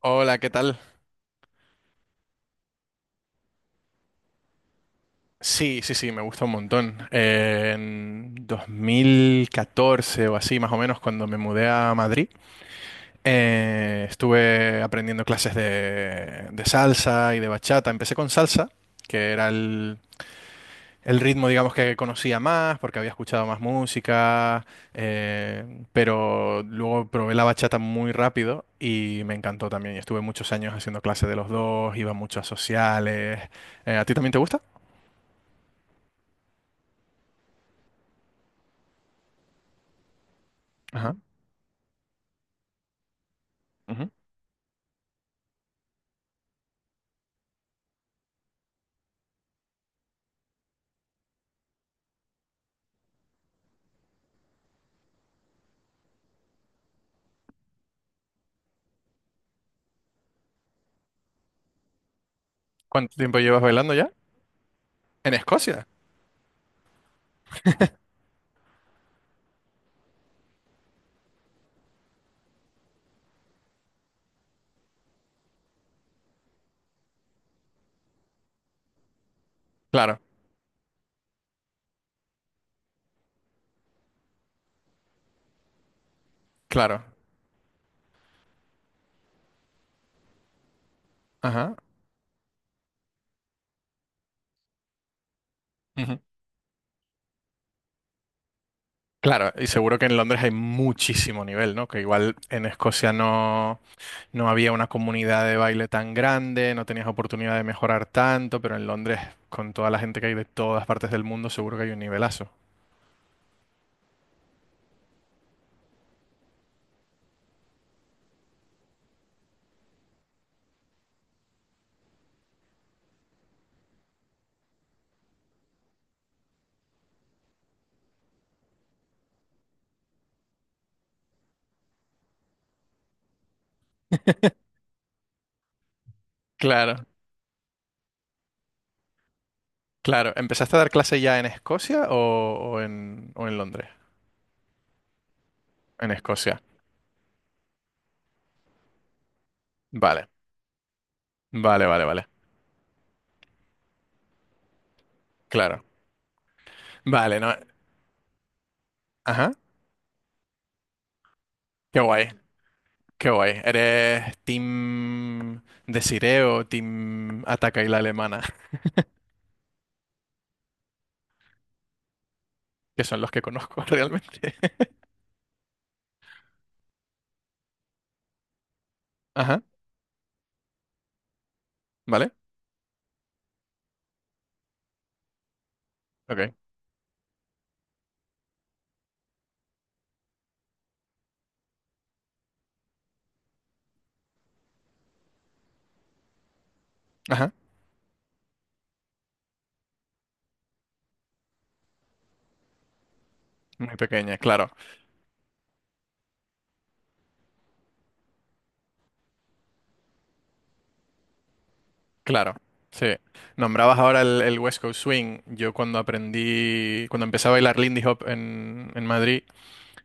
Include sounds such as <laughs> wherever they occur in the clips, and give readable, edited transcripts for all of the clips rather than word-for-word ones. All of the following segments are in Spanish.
Hola, ¿qué tal? Sí, sí, sí, me gusta un montón. En 2014 o así, más o menos, cuando me mudé a Madrid, estuve aprendiendo clases de salsa y de bachata. Empecé con salsa, que era el ritmo, digamos, que conocía más, porque había escuchado más música, pero luego probé la bachata muy rápido y me encantó también. Y estuve muchos años haciendo clases de los dos, iba mucho a sociales. ¿A ti también te gusta? Ajá. ¿Cuánto tiempo llevas bailando ya? ¿En Escocia? Claro, claro. Ajá. Ujú. Claro, y seguro que en Londres hay muchísimo nivel, ¿no? Que igual en Escocia no, no había una comunidad de baile tan grande, no tenías oportunidad de mejorar tanto, pero en Londres, con toda la gente que hay de todas partes del mundo, seguro que hay un nivelazo. Claro, claro. ¿Empezaste a dar clase ya en Escocia o en Londres? En Escocia. Vale, vale, vale, vale. Claro. Vale, no. Ajá. Qué guay. Qué guay. ¿Eres Team Desiree o Team Ataca y la Alemana? <laughs> Que son los que conozco <laughs> realmente. Ajá, ¿vale? Ok. Ajá. Muy pequeña, claro, claro. Sí. Nombrabas ahora el West Coast Swing. Yo cuando aprendí, cuando empecé a bailar Lindy Hop en Madrid,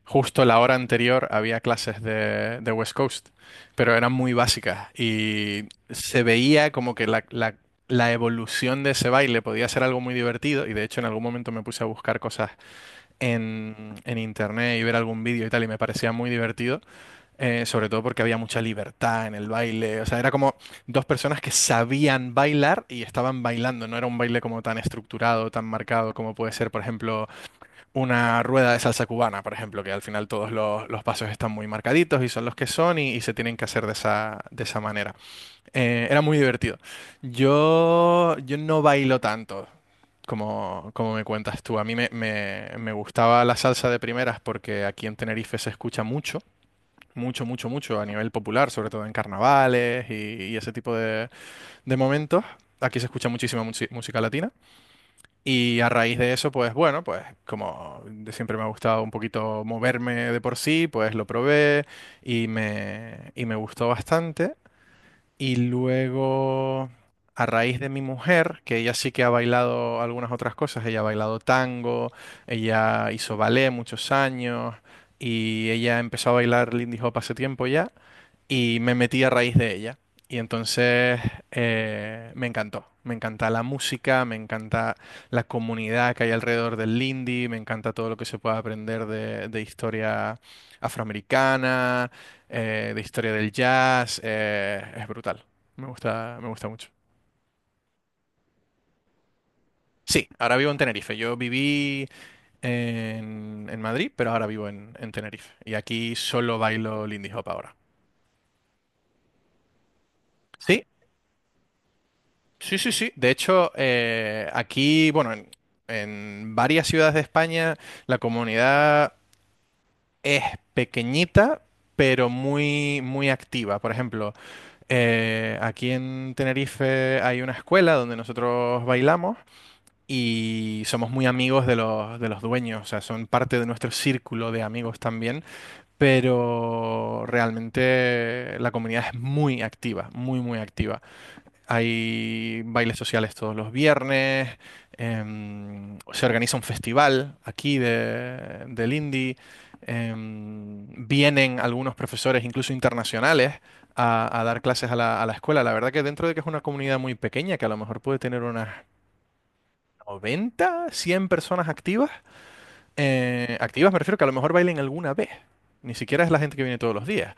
justo la hora anterior había clases de West Coast, pero eran muy básicas y se veía como que la evolución de ese baile podía ser algo muy divertido y de hecho en algún momento me puse a buscar cosas en internet y ver algún vídeo y tal y me parecía muy divertido, sobre todo porque había mucha libertad en el baile, o sea, era como dos personas que sabían bailar y estaban bailando, no era un baile como tan estructurado, tan marcado como puede ser, por ejemplo una rueda de salsa cubana, por ejemplo, que al final todos los pasos están muy marcaditos y son los que son y se tienen que hacer de esa manera. Era muy divertido. Yo no bailo tanto como me cuentas tú. A mí me gustaba la salsa de primeras porque aquí en Tenerife se escucha mucho, mucho, mucho, mucho a nivel popular, sobre todo en carnavales y ese tipo de momentos. Aquí se escucha muchísima música latina. Y a raíz de eso, pues bueno, pues como de siempre me ha gustado un poquito moverme de por sí, pues lo probé y me gustó bastante. Y luego, a raíz de mi mujer, que ella sí que ha bailado algunas otras cosas, ella ha bailado tango, ella hizo ballet muchos años y ella empezó a bailar Lindy Hop hace tiempo ya y me metí a raíz de ella. Y entonces me encantó. Me encanta la música, me encanta la comunidad que hay alrededor del Lindy, me encanta todo lo que se puede aprender de historia afroamericana, de historia del jazz. Es brutal. Me gusta mucho. Sí, ahora vivo en Tenerife. Yo viví en Madrid, pero ahora vivo en Tenerife. Y aquí solo bailo Lindy Hop ahora. ¿Sí? Sí, sí, sí. De hecho, aquí, bueno, en varias ciudades de España, la comunidad es pequeñita, pero muy, muy activa. Por ejemplo, aquí en Tenerife hay una escuela donde nosotros bailamos y somos muy amigos de los dueños, o sea, son parte de nuestro círculo de amigos también, pero realmente la comunidad es muy activa, muy, muy activa. Hay bailes sociales todos los viernes, se organiza un festival aquí del indie, vienen algunos profesores, incluso internacionales, a dar clases a la escuela. La verdad que dentro de que es una comunidad muy pequeña, que a lo mejor puede tener unas 90, 100 personas activas, activas me refiero que a lo mejor bailen alguna vez, ni siquiera es la gente que viene todos los días.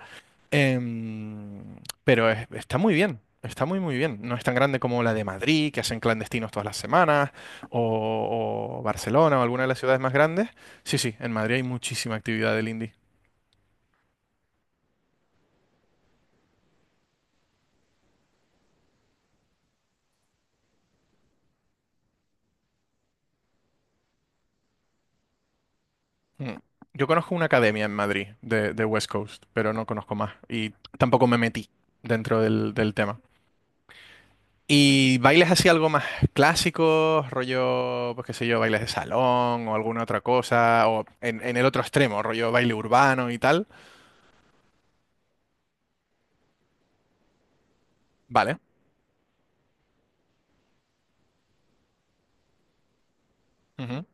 Em, pero está muy bien, está muy muy bien. No es tan grande como la de Madrid, que hacen clandestinos todas las semanas, o Barcelona o alguna de las ciudades más grandes. Sí, sí, en Madrid hay muchísima actividad del indie. Mm. Yo conozco una academia en Madrid de West Coast, pero no conozco más y tampoco me metí dentro del tema. ¿Y bailes así algo más clásicos, rollo, pues qué sé yo, bailes de salón o alguna otra cosa, o en el otro extremo, rollo baile urbano y tal? Vale. Ujú.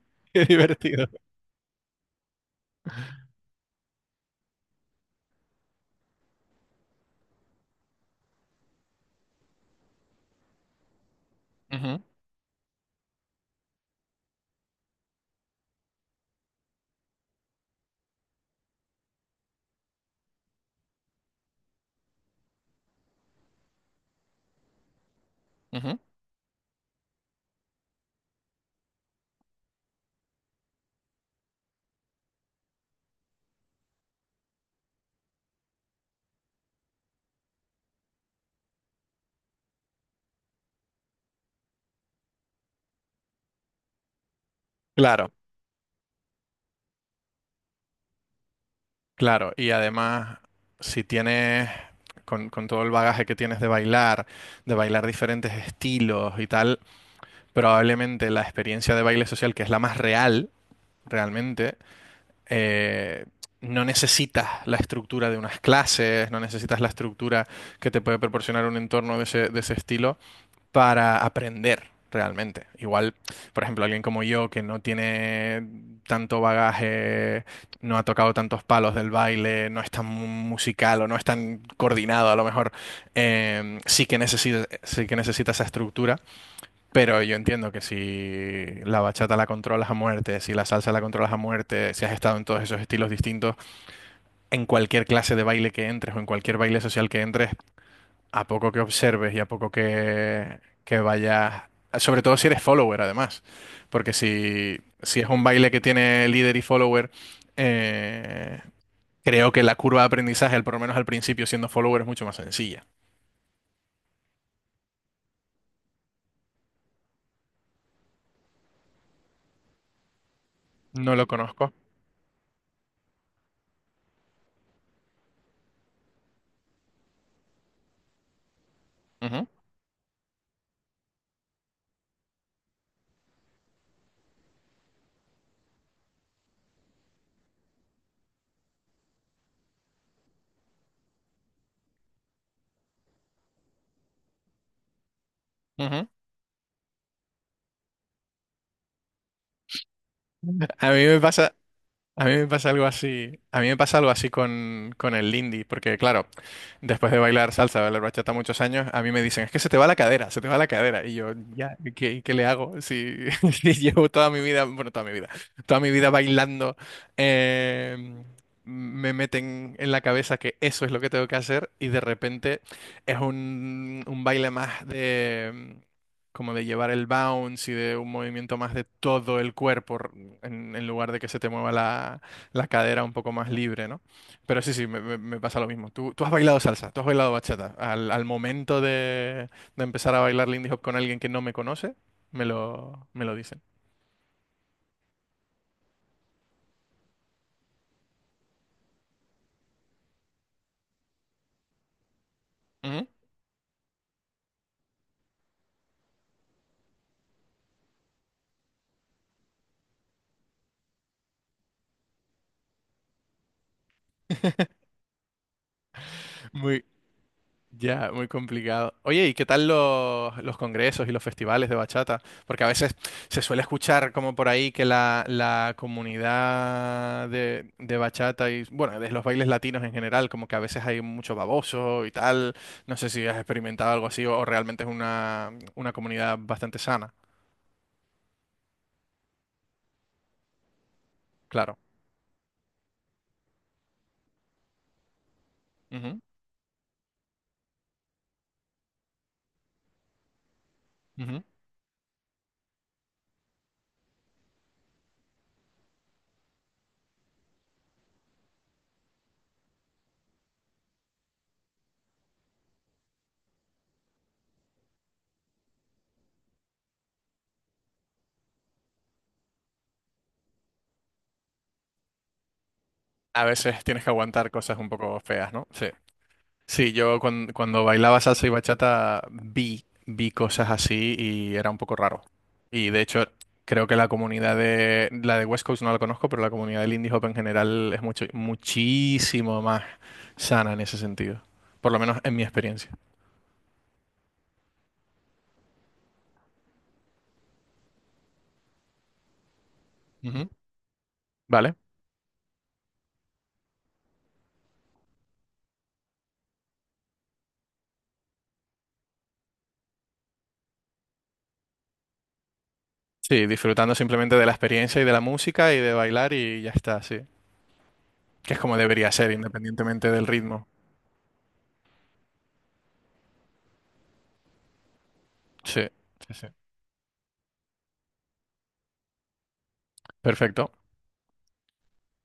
<laughs> Qué divertido. Ujú, ujú. Claro, claro. Y además, si tienes, con todo el bagaje que tienes de bailar diferentes estilos y tal, probablemente la experiencia de baile social, que es la más real, realmente, eh, no necesitas la estructura de unas clases, no necesitas la estructura que te puede proporcionar un entorno de ese estilo, para aprender realmente. Igual, por ejemplo, alguien como yo que no tiene tanto bagaje, no ha tocado tantos palos del baile, no es tan musical o no es tan coordinado a lo mejor, sí que necesita esa estructura, pero yo entiendo que si la bachata la controlas a muerte, si la salsa la controlas a muerte, si has estado en todos esos estilos distintos, en cualquier clase de baile que entres o en cualquier baile social que entres, a poco que observes y a poco que vayas, sobre todo si eres follower además, porque si es un baile que tiene líder y follower, eh, creo que la curva de aprendizaje, por lo menos al principio siendo follower, es mucho más sencilla. No lo conozco. Ujú, ujú. A mí me pasa, a mí me pasa algo así, a mí me pasa algo así con el Lindy, porque claro, después de bailar salsa, bailar bachata muchos años, a mí me dicen, es que se te va la cadera, se te va la cadera. Y yo, ya, ¿qué le hago? Si, <laughs> si llevo toda mi vida, bueno, toda mi vida bailando, eh, me meten en la cabeza que eso es lo que tengo que hacer y de repente es un baile más de como de llevar el bounce y de un movimiento más de todo el cuerpo en lugar de que se te mueva la cadera un poco más libre, ¿no? Pero sí, sí, me pasa lo mismo. ¿Tú has bailado salsa, tú has bailado bachata. Al momento de empezar a bailar Lindy Hop con alguien que no me conoce, me lo dicen. Ujú. <laughs> Muy, Ya, muy complicado. Oye, ¿y qué tal los congresos y los festivales de bachata? Porque a veces se suele escuchar como por ahí que la comunidad de bachata y, bueno, de los bailes latinos en general, como que a veces hay mucho baboso y tal. No sé si has experimentado algo así o realmente es una comunidad bastante sana, claro. Ujú, ujú. A veces tienes que aguantar cosas un poco feas, ¿no? Sí. Sí, yo cuando, bailaba salsa y bachata vi cosas así y era un poco raro. Y de hecho, creo que la comunidad la de West Coast no la conozco, pero la comunidad del indie hop en general es muchísimo más sana en ese sentido. Por lo menos en mi experiencia. Ujú. ¿Vale? Sí, disfrutando simplemente de la experiencia y de la música y de bailar y ya está, sí. Que es como debería ser, independientemente del ritmo. Sí, sí, sí. Perfecto.